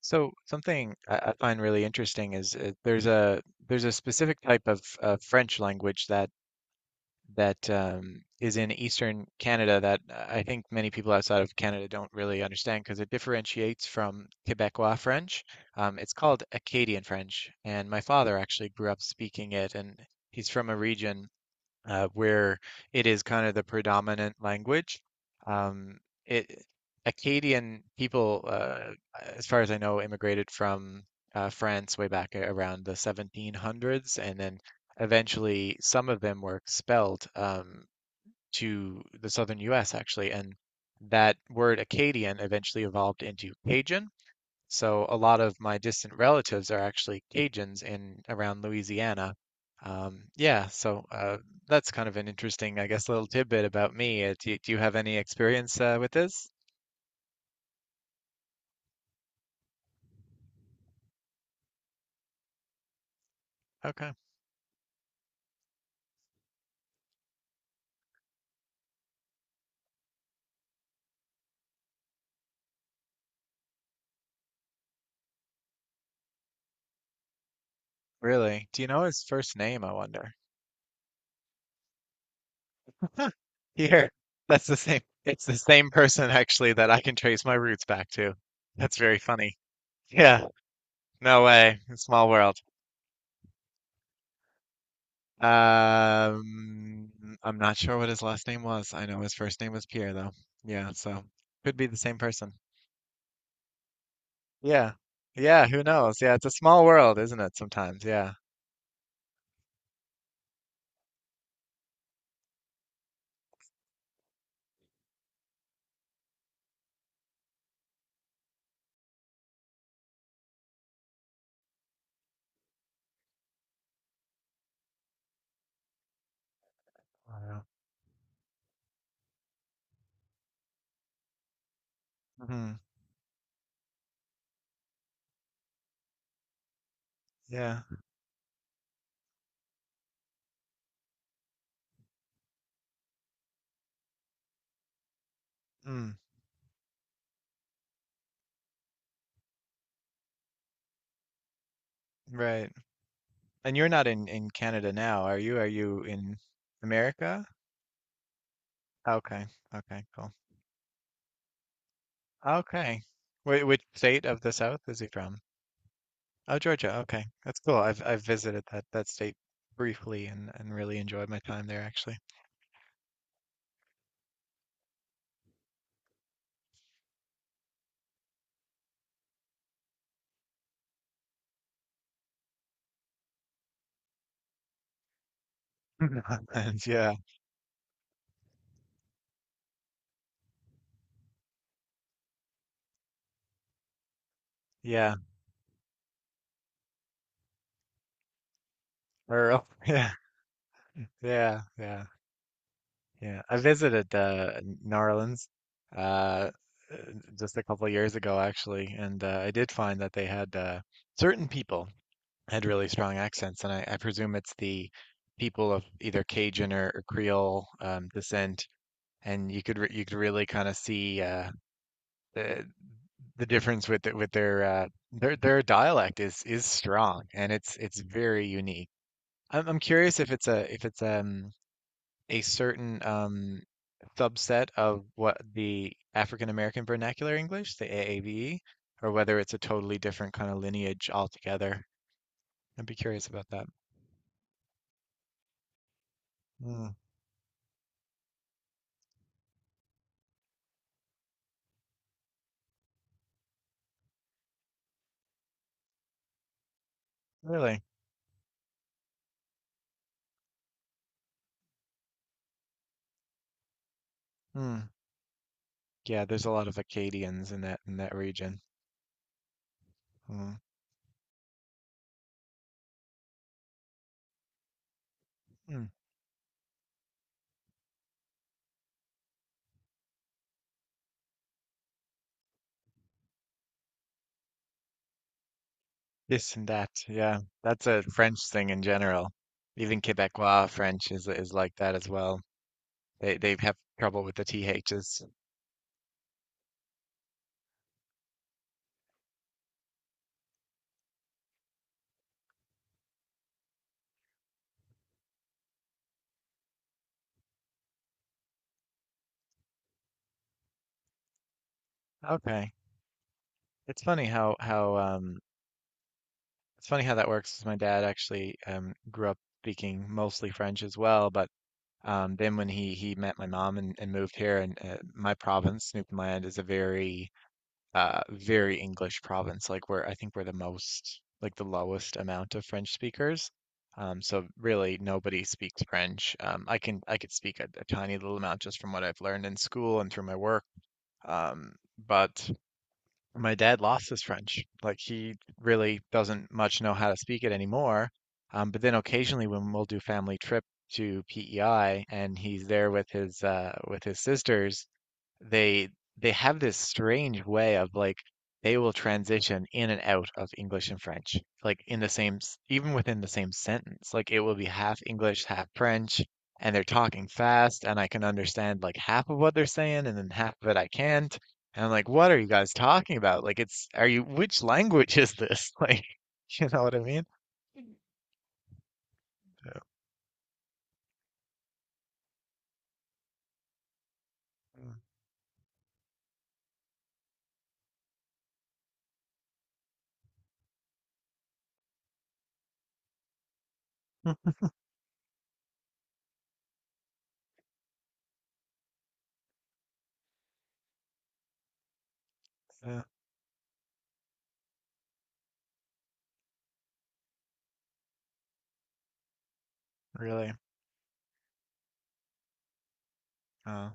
So something I find really interesting is there's a specific type of French language that is in Eastern Canada that I think many people outside of Canada don't really understand because it differentiates from Quebecois French. It's called Acadian French, and my father actually grew up speaking it, and he's from a region where it is kind of the predominant language. Um, it Acadian people, as far as I know, immigrated from France way back around the 1700s, and then eventually some of them were expelled to the southern U.S. actually, and that word Acadian eventually evolved into Cajun. So a lot of my distant relatives are actually Cajuns in around Louisiana. Yeah, so that's kind of an interesting, I guess, little tidbit about me. Do you have any experience with this? Okay, really? Do you know his first name, I wonder? Huh? Here, that's the same. It's the same person actually that I can trace my roots back to. That's very funny. Yeah, no way. Small world. Um, I'm not sure what his last name was. I know his first name was Pierre, though. Yeah, so could be the same person. Yeah. Yeah, who knows? Yeah, it's a small world, isn't it, sometimes? Yeah. Hmm. Yeah. Mm. Right. And you're not in Canada now, are you? Are you in America? Okay. Okay, cool. Okay. Wh which state of the South is he from? Oh, Georgia. Okay. That's cool. I've visited that state briefly and really enjoyed my time there actually. And yeah, yeah, Earl. Yeah, yeah, yeah, yeah. I visited New Orleans uh, uh, just a couple of years ago, actually, and I did find that they had certain people had really strong accents, and I presume it's the people of either Cajun or Creole descent, and you could re you could really kind of see the, the difference with with their their dialect is strong, and it's very unique. I'm curious if it's a certain subset of what the African American Vernacular English, the AAVE, or whether it's a totally different kind of lineage altogether. I'd be curious about that. Mm, really? Mm. Yeah, there's a lot of Acadians in that region. Mm. Mm. This and that. Yeah, that's a French thing in general. Even Quebecois French is like that as well. They have trouble with the TH's. Okay. It's funny how how um It's funny how that works. My dad actually grew up speaking mostly French as well, but then when he met my mom and moved here, and my province, Newfoundland, is a very very English province. Like we're I think we're the most like the lowest amount of French speakers. So really nobody speaks French. I could speak a tiny little amount just from what I've learned in school and through my work. Um, but my dad lost his French. Like he really doesn't much know how to speak it anymore. But then occasionally when we'll do family trip to PEI and he's there with his sisters, they they have this strange way of like they will transition in and out of English and French, like in the even within the same sentence. Like it will be half English, half French, and they're talking fast, and I can understand like half of what they're saying, and then half of it I can't. And I'm like, what are you guys talking about? Like it's are you which language is this? Like, you know what I mean? Yeah. Mm. Yeah, really. Uh,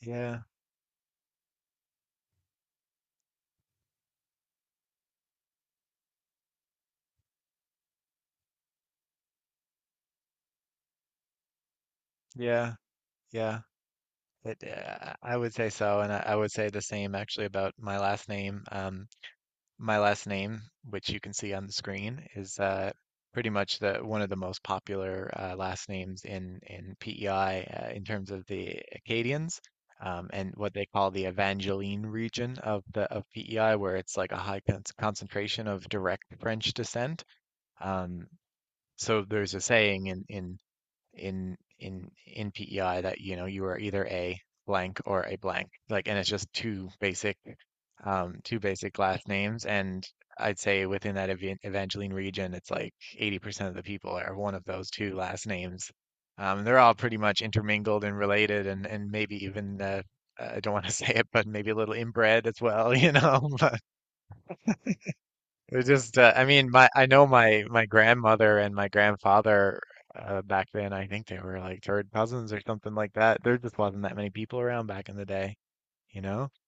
yeah, yeah, yeah. I would say so, and I would say the same actually about my last name. My last name, which you can see on the screen, is pretty much the one of the most popular last names in PEI in terms of the Acadians and what they call the Evangeline region of the of PEI, where it's like a high concentration of direct French descent. Um, so there's a saying in PEI that you know you are either a blank or a blank, like, and it's just two basic last names, and I'd say within that Evangeline region it's like 80% of the people are one of those two last names. They're all pretty much intermingled and related, and maybe even I don't want to say it, but maybe a little inbred as well, you know. They just, I mean, my I know my grandmother and my grandfather back then. I think they were like third cousins or something like that. There just wasn't that many people around back in the day, you know?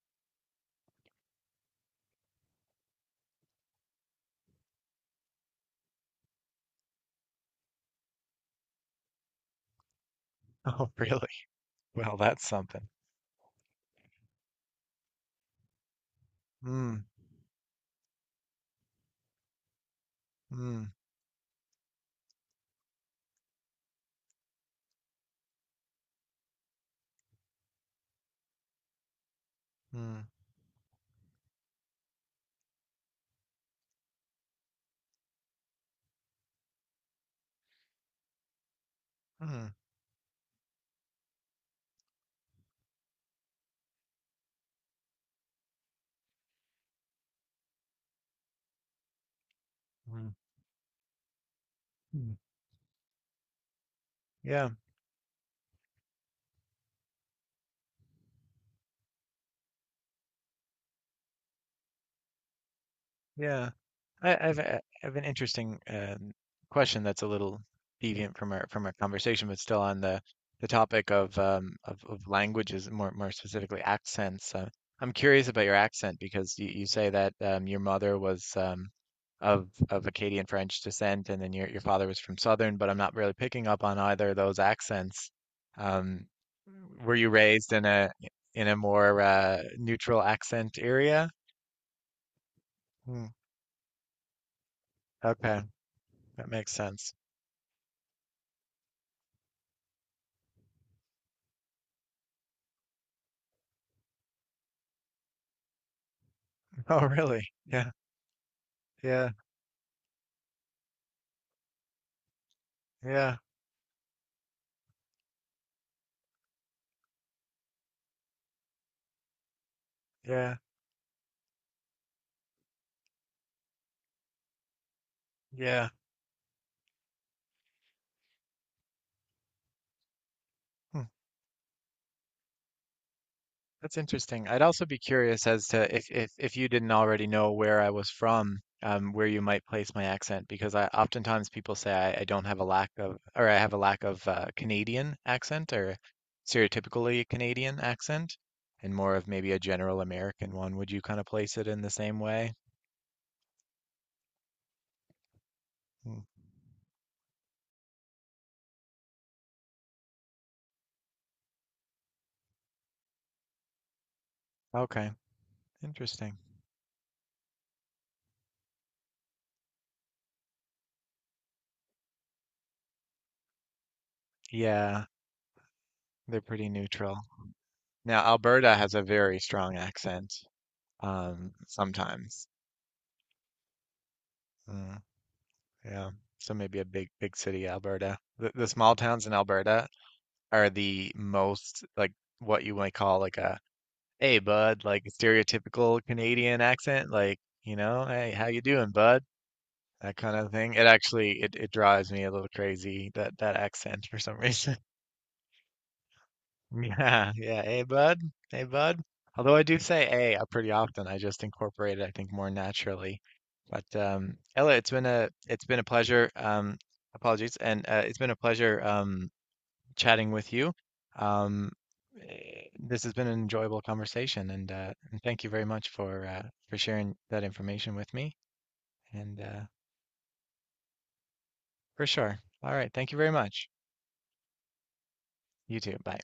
Oh, really? Well, that's something. Mm, mm, mm, mm, mm, mm. Yeah. Yeah. I have an interesting question that's a little deviant from our conversation, but still on the topic of of languages, more specifically accents. I'm curious about your accent because you say that your mother was of Acadian French descent, and then your father was from Southern. But I'm not really picking up on either of those accents. Um, were you raised in a more neutral accent area? Hmm. Okay. That makes sense. Oh, really? Yeah, yeah, yeah, yeah, yeah. Hmm. That's interesting. I'd also be curious as to if you didn't already know where I was from, where you might place my accent, because I oftentimes people say I don't have a lack of, or I have a lack of Canadian accent or stereotypically Canadian accent, and more of maybe a general American one. Would you kind of place it in the same way? Hmm. Okay, interesting. Yeah, they're pretty neutral. Now, Alberta has a very strong accent, sometimes. Mm, yeah. So maybe a big, big city, Alberta. The small towns in Alberta are the most like what you might call like a, hey, bud, like stereotypical Canadian accent, like, you know, hey, how you doing, bud? That kind of thing. It drives me a little crazy that that accent for some reason. Yeah, yeah. Hey, bud. Hey, bud. Although I do say hey pretty often, I just incorporate it, I think, more naturally. But Ella, it's been a pleasure. Apologies, and it's been a pleasure chatting with you. Um, eh, this has been an enjoyable conversation, and thank you very much for sharing that information with me. And for sure. All right. Thank you very much. You too. Bye.